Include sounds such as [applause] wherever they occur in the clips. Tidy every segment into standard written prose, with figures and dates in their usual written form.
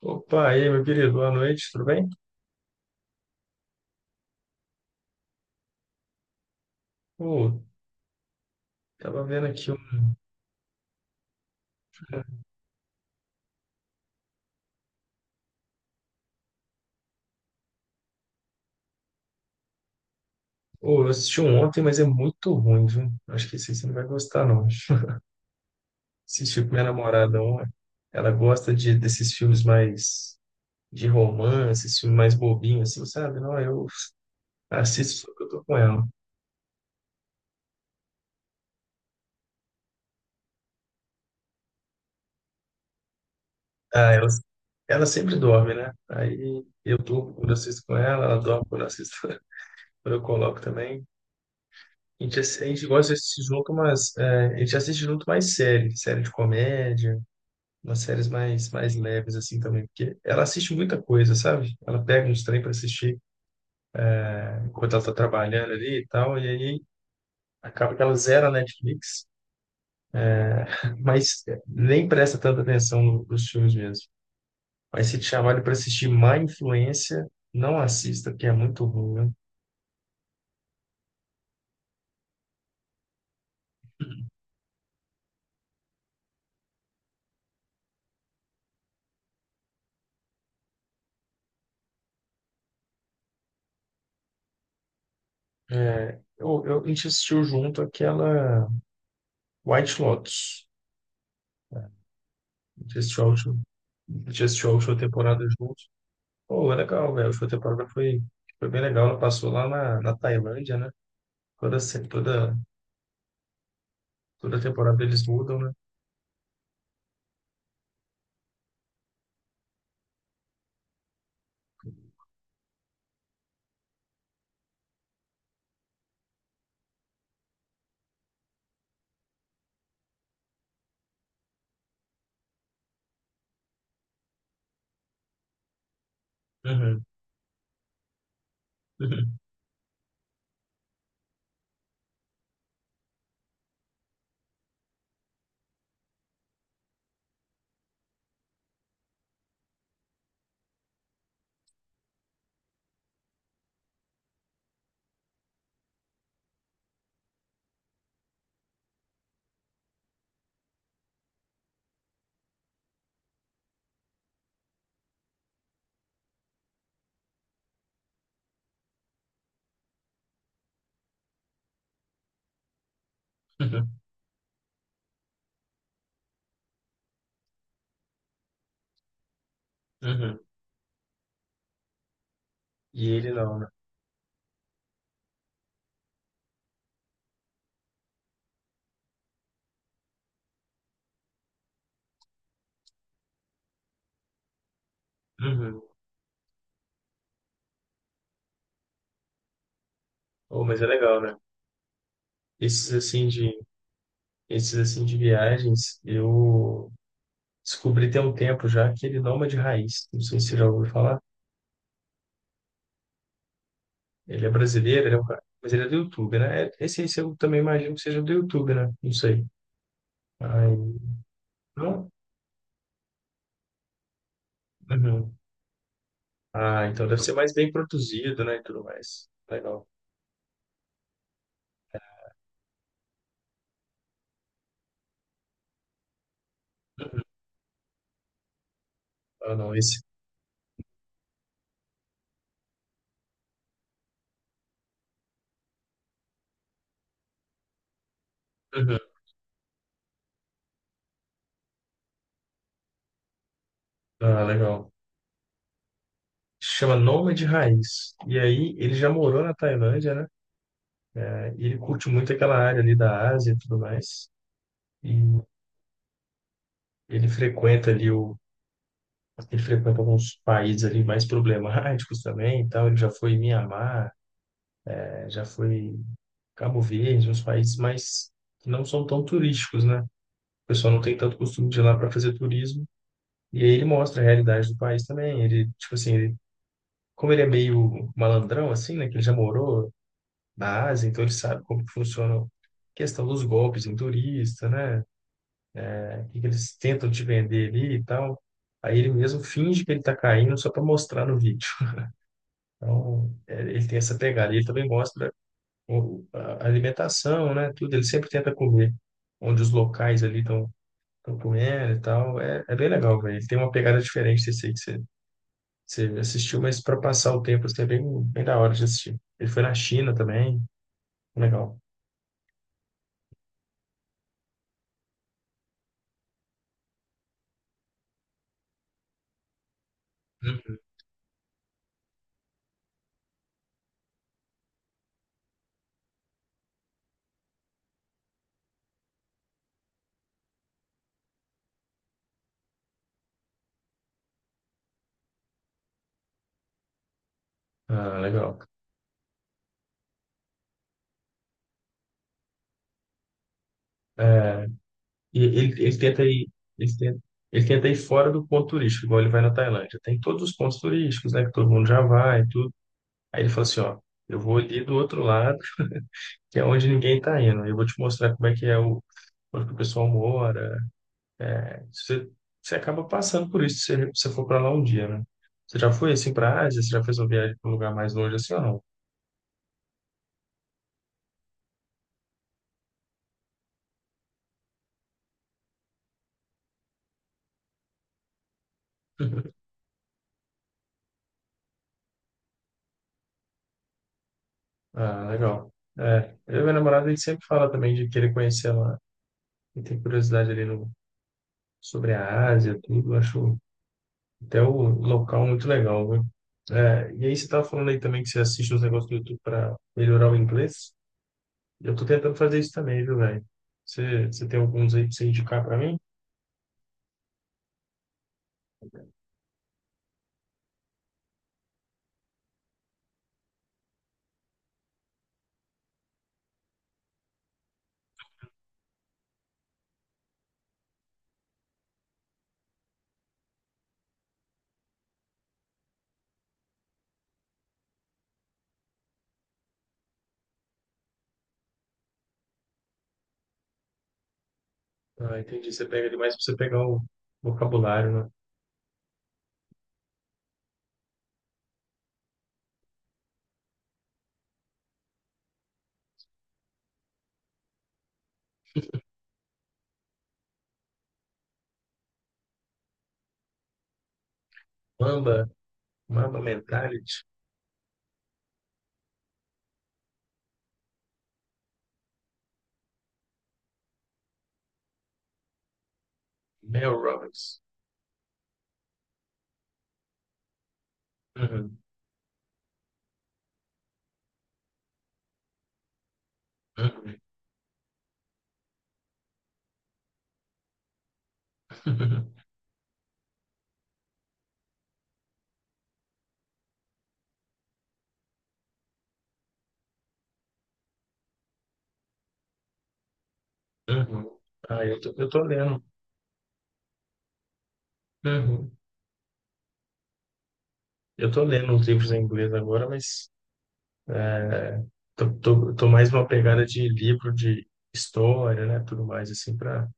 Opa, e aí, meu querido, boa noite, tudo bem? Ô, tava vendo aqui um. Ô, eu assisti um ontem, mas é muito ruim, viu? Acho que esse aí você não vai gostar, não. [laughs] Assisti com minha namorada ontem. Ela gosta de, desses filmes mais de romance, esses filmes mais bobinhos, assim, sabe? Não, eu assisto só que eu tô com ela. Ah, ela sempre dorme, né? Aí eu durmo quando eu assisto com ela, ela dorme quando eu assisto, [laughs] quando eu coloco também. A gente gosta de assistir junto umas. É, a gente assiste junto mais série, série de comédia, umas séries mais, mais leves, assim também, porque ela assiste muita coisa, sabe? Ela pega uns trem para assistir enquanto ela tá trabalhando ali e tal, e aí acaba que ela zera a Netflix, [laughs] mas nem presta tanta atenção nos filmes mesmo. Mas se te chamarem para assistir Má Influência, não assista, porque é muito ruim, né? É, a gente assistiu junto aquela White Lotus. A gente assistiu a última, a gente assistiu a última temporada juntos. Pô, é legal, velho. A última temporada foi, Foi bem legal. Ela passou lá na, na Tailândia, né? Toda, se- toda, Toda temporada eles mudam, né? Uhum, uhum, uhum, uhum. E ele não, né? Uhum. Oh, mas é legal, né? Esses assim de, Esses assim de viagens, eu descobri tem um tempo já que ele não é de raiz. Não sei se você já ouviu falar. Ele é brasileiro, ele é um cara, mas ele é do YouTube, né? É- Esse aí eu também imagino que seja do YouTube, né? Não sei. Aí Não? Uhum. Ah, então deve ser mais bem produzido, né, e tudo mais. Legal. Uhum. Ah, não, esse. Uhum. Ah, legal. Chama Nômade Raiz. E aí, ele já morou na Tailândia, né? E ele curte muito aquela área ali da Ásia e tudo mais. E ele frequenta ali o. Ele frequenta alguns países ali mais problemáticos também e tal. Ele já foi em Mianmar, já foi em Cabo Verde, uns países mais que não são tão turísticos, né? O pessoal não tem tanto costume de ir lá para fazer turismo. E aí ele mostra a realidade do país também. Ele, tipo assim, como ele é meio malandrão, assim, né? Que ele já morou na Ásia, então ele sabe como que funciona a questão dos golpes em turista, né? O que que eles tentam te vender ali e tal. Aí ele mesmo finge que ele tá caindo só para mostrar no vídeo. [laughs] Então, é, ele tem essa pegada. E ele também mostra a alimentação, né? Tudo. Ele sempre tenta comer onde os locais ali estão comendo e tal. É, é bem legal, velho. Ele tem uma pegada diferente desse aí. Você assistiu, mas para passar o tempo, assim, é bem, bem da hora de assistir. Ele foi na China também, legal. Uhum. Ah, legal. É, e ele tenta, ele tenta ir fora do ponto turístico, igual ele vai na Tailândia. Tem todos os pontos turísticos, né, que todo mundo já vai e tudo. Aí ele fala assim, ó, eu vou ali do outro lado, que é onde ninguém tá indo. Eu vou te mostrar como é que é o, onde que o pessoal mora. É, você, você acaba passando por isso se você for para lá um dia, né? Você já foi assim para a Ásia? Você já fez uma viagem para um lugar mais longe assim ou não? Ah, legal. É, eu e minha namorada, a gente sempre fala também de querer conhecer lá. E tem curiosidade ali no, sobre a Ásia, tudo. Acho até o local muito legal, viu? É, e aí você estava falando aí também que você assiste uns negócios do YouTube para melhorar o inglês. Eu tô tentando fazer isso também, viu, velho? Você tem alguns aí pra você indicar para mim? Ah, entendi. Você pega demais pra você pegar o vocabulário, né? Mamba, Mamba Mentality, Mel Robbins. Uhum, uhum, [laughs] uhum. Ah, eu tô lendo. Uhum. Eu tô lendo uns livros em inglês agora, mas tô mais uma pegada de livro de história, né, tudo mais assim para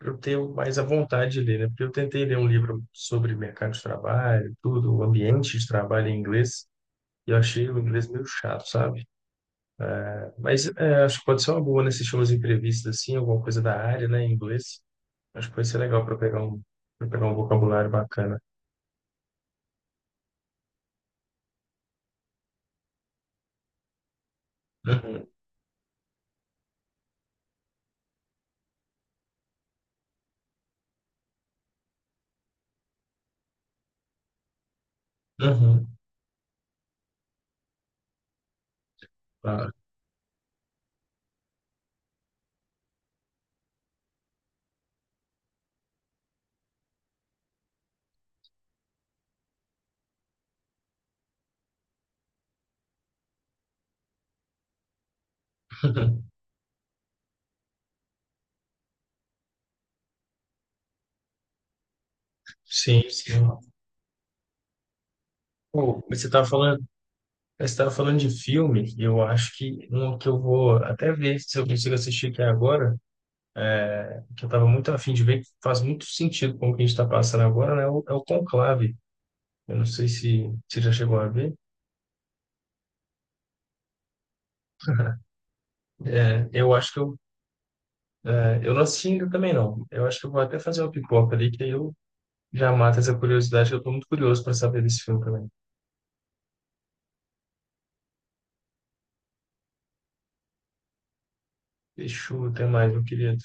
eu ter mais a vontade de ler, né? Porque eu tentei ler um livro sobre mercado de trabalho, tudo, o ambiente de trabalho em inglês, e eu achei o inglês meio chato, sabe? Mas é, acho que pode ser uma boa, né, assistir umas entrevistas assim, alguma coisa da área, né, em inglês. Acho que pode ser legal para pegar um vocabulário bacana. Uhum. Uhum. Claro. [laughs] Sim, sim. Pô, você estava falando de filme, e eu acho que um que eu vou até ver se eu consigo assistir aqui agora, que eu estava muito afim de ver, que faz muito sentido com o que a gente está passando agora, né? É o Conclave. Eu não sei se você já chegou a ver. [laughs] É, eu acho que eu, é, eu não assisti ainda também não. Eu acho que eu vou até fazer uma pipoca ali, que aí eu já mato essa curiosidade, que eu estou muito curioso para saber desse filme também. Deixa eu ter mais, meu querido.